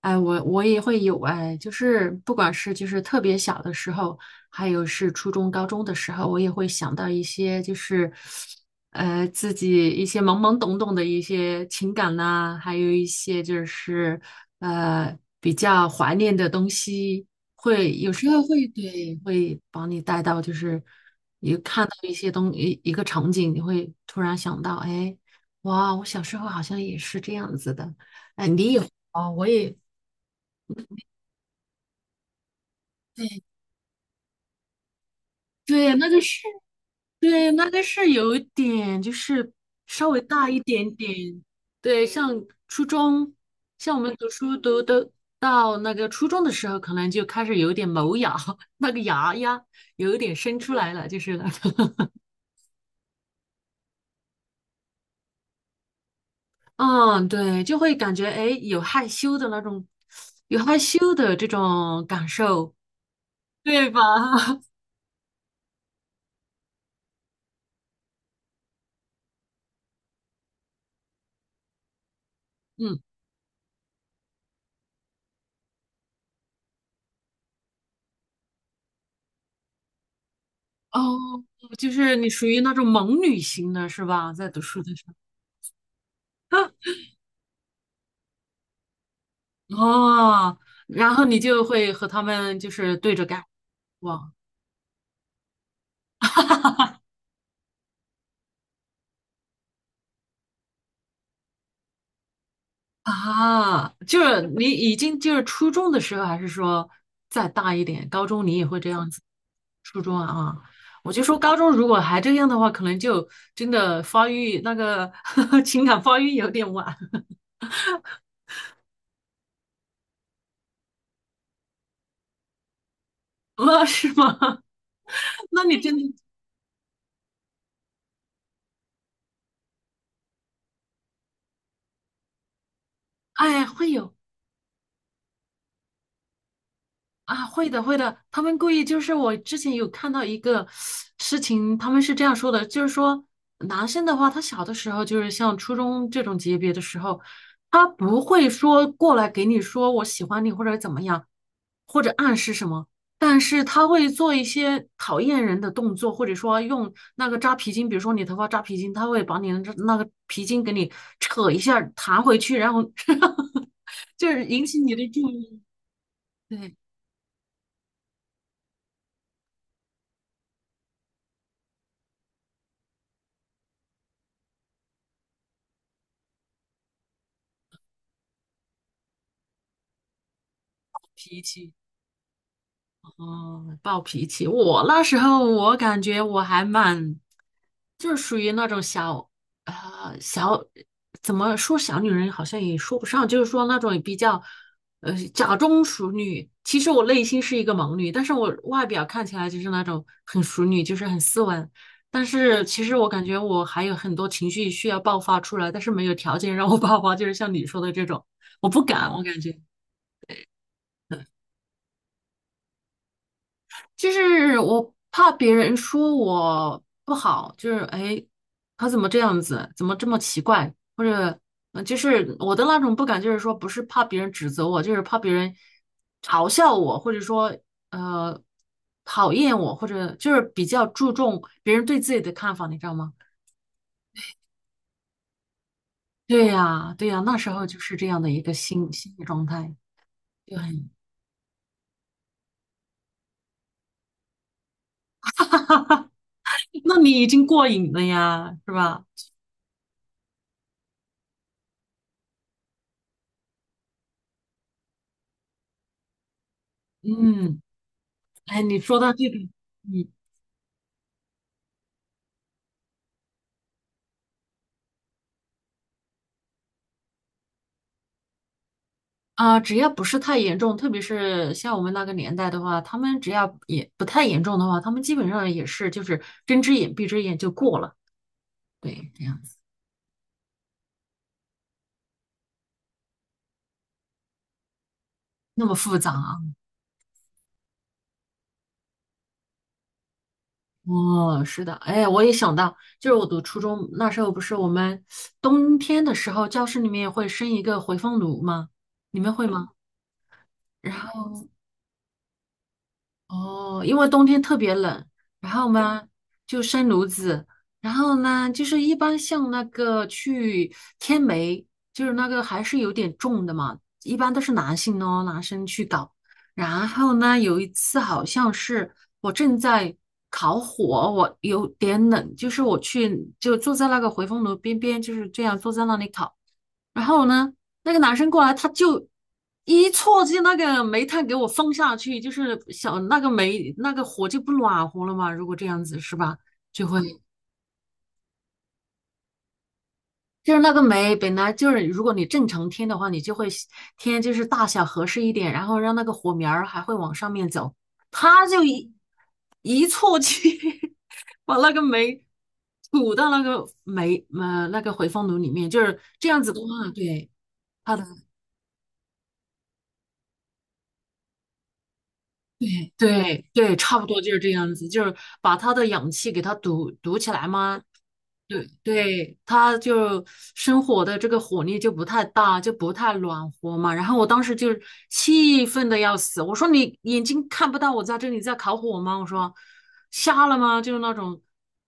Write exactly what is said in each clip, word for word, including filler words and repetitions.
哎，我我也会有。哎，就是不管是就是特别小的时候，还有是初中、高中的时候，我也会想到一些就是，呃，自己一些懵懵懂懂的一些情感呐、还有一些就是呃比较怀念的东西，有时候会对会把你带到，就是你看到一些东一一个场景，你会突然想到，哎，哇，我小时候好像也是这样子的。哦，我也对对，那就是。对，那个是有一点，就是稍微大一点点。对，像初中，像我们读书读的到那个初中的时候，可能就开始有点萌芽，那个芽呀，有一点生出来了，就是那个，嗯，对，就会感觉哎，诶有害羞的那种，有害羞的这种感受，对吧？嗯，哦，就是你属于那种萌女型的是吧？在读书的时候。哦，然后你就会和他们就是对着干，哇。啊，就是你已经就是初中的时候，还是说再大一点，高中你也会这样子？初中啊，我就说高中如果还这样的话，可能就真的发育那个 情感发育有点晚了，是吗？那你真的哎，会有。啊，会的，会的。他们故意，就是我之前有看到一个事情，他们是这样说的，就是说男生的话，他小的时候就是像初中这种级别的时候，他不会说过来给你说我喜欢你或者怎么样，或者暗示什么，但是他会做一些讨厌人的动作，或者说用那个扎皮筋，比如说你头发扎皮筋，他会把你的那个皮筋给你扯一下弹回去，然后 就是引起你的注意，对，脾气。哦，暴脾气。我那时候我感觉我还蛮，就是属于那种小，呃，小，怎么说小女人好像也说不上，就是说那种比较，呃，假装淑女。其实我内心是一个萌女，但是我外表看起来就是那种很淑女，就是很斯文。但是其实我感觉我还有很多情绪需要爆发出来，但是没有条件让我爆发，就是像你说的这种，我不敢，我感觉。就是我怕别人说我不好，就是哎，他怎么这样子，怎么这么奇怪，或者呃就是我的那种不敢，就是说不是怕别人指责我，就是怕别人嘲笑我，或者说呃讨厌我，或者就是比较注重别人对自己的看法，你知道吗？对呀，对呀，那时候就是这样的一个心心理状态，就很，那你已经过瘾了呀，是吧？嗯，哎，你说到这个，嗯。啊，只要不是太严重，特别是像我们那个年代的话，他们只要也不太严重的话，他们基本上也是就是睁只眼闭只眼就过了，对，这样子那么复杂啊？哦，是的，哎，我也想到，就是我读初中那时候，不是我们冬天的时候，教室里面会生一个回风炉吗？你们会吗？然后。哦，因为冬天特别冷，然后呢就生炉子，然后呢就是一般像那个去天梅，就是那个还是有点重的嘛，一般都是男性哦，男生去搞。然后呢，有一次好像是我正在烤火，我有点冷，就是我去就坐在那个回风炉边边，就是这样坐在那里烤。然后呢，那个男生过来，他就一戳进那个煤炭给我放下去，就是小那个煤那个火就不暖和了嘛。如果这样子是吧，就会就是那个煤本来就是，如果你正常添的话，你就会添就是大小合适一点，然后让那个火苗儿还会往上面走。他就一一戳进，把那个煤吐到那个煤呃那个回风炉里面，就是这样子的话，对。的。对对对，差不多就是这样子，就是把他的氧气给他堵堵起来嘛。对对，他就生火的这个火力就不太大，就不太暖和嘛。然后我当时就是气愤的要死，我说你眼睛看不到我在这里在烤火吗？我说瞎了吗？就是那种，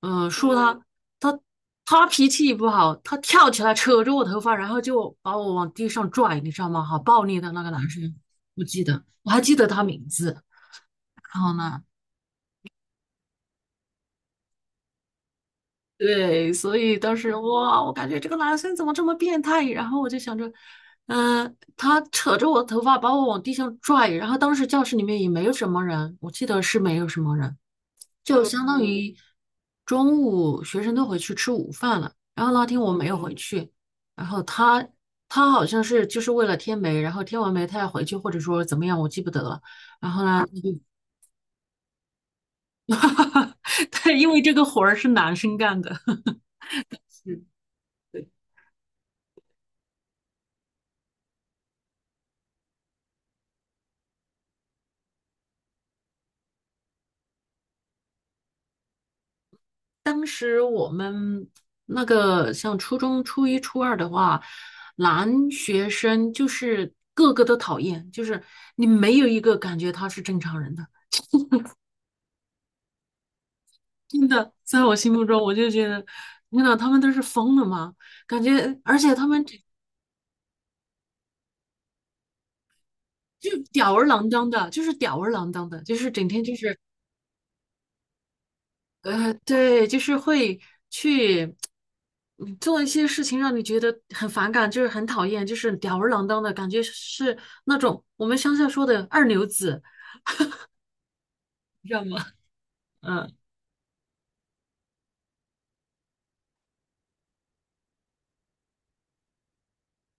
嗯、说他他他脾气也不好，他跳起来扯着我头发，然后就把我往地上拽，你知道吗？好暴力的那个男生，我记得我还记得他名字。然后呢，对，所以当时哇，我感觉这个男生怎么这么变态？然后我就想着，嗯、他扯着我头发把我往地上拽，然后当时教室里面也没有什么人，我记得是没有什么人，就嗯相当于中午学生都回去吃午饭了。然后那天我没有回去，然后他他好像是就是为了添煤，然后添完煤他要回去，或者说怎么样，我记不得了。然后呢，对，因为这个活儿是男生干的。是当时我们那个像初中初一、初二的话，男学生就是个个都讨厌，就是你没有一个感觉他是正常人的。真的，在我心目中，我就觉得，天呐，他们都是疯了吗？感觉，而且他们就吊儿郎当的，就是吊儿郎当的，就是整天就是呃，对，就是会去嗯做一些事情，让你觉得很反感，就是很讨厌，就是吊儿郎当的感觉，是那种我们乡下说的二流子，你知道吗？嗯，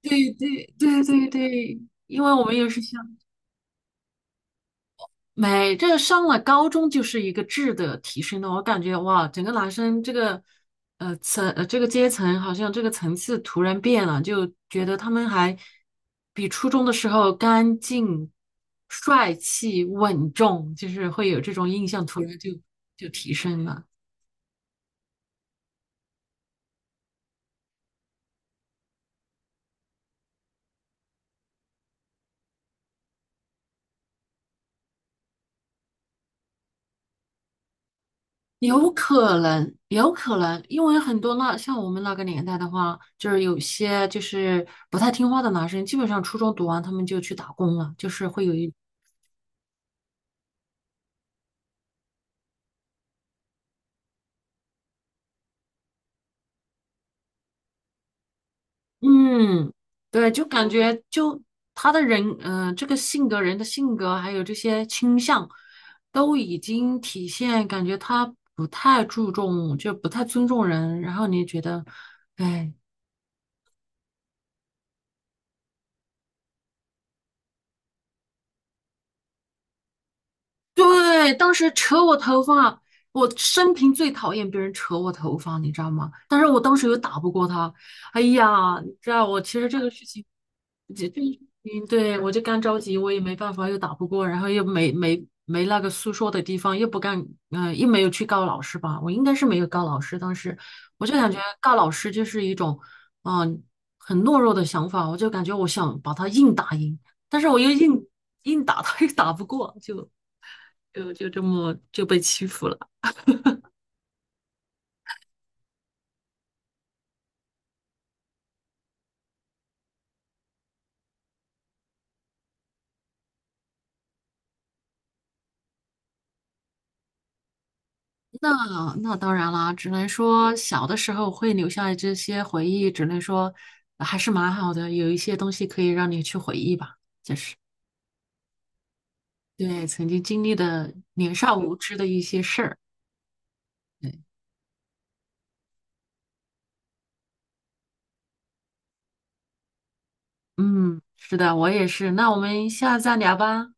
对对对对对，因为我们也是乡。没，这个上了高中就是一个质的提升了。我感觉哇，整个男生这个呃层呃这个阶层好像这个层次突然变了，就觉得他们还比初中的时候干净、帅气、稳重，就是会有这种印象，突然就就提升了。有可能，有可能，因为很多那像我们那个年代的话，就是有些就是不太听话的男生，基本上初中读完他们就去打工了，就是会有一嗯，对，就感觉就他的人，嗯、这个性格，人的性格，还有这些倾向，都已经体现，感觉他不太注重，就不太尊重人。然后你觉得，哎，对，当时扯我头发，我生平最讨厌别人扯我头发，你知道吗？但是我当时又打不过他，哎呀，你知道我其实这个事情，这这个事情，对，我就干着急，我也没办法，又打不过，然后又没没没那个诉说的地方，又不敢，嗯、又没有去告老师吧，我应该是没有告老师，当时我就感觉告老师就是一种，嗯、很懦弱的想法，我就感觉我想把他硬打赢，但是我又硬硬打他又打不过，就。就就这么就被欺负了。那那当然啦，只能说小的时候会留下这些回忆，只能说还是蛮好的，有一些东西可以让你去回忆吧，就是对曾经经历的年少无知的一些事儿。对，嗯，是的，我也是。那我们下次再聊吧。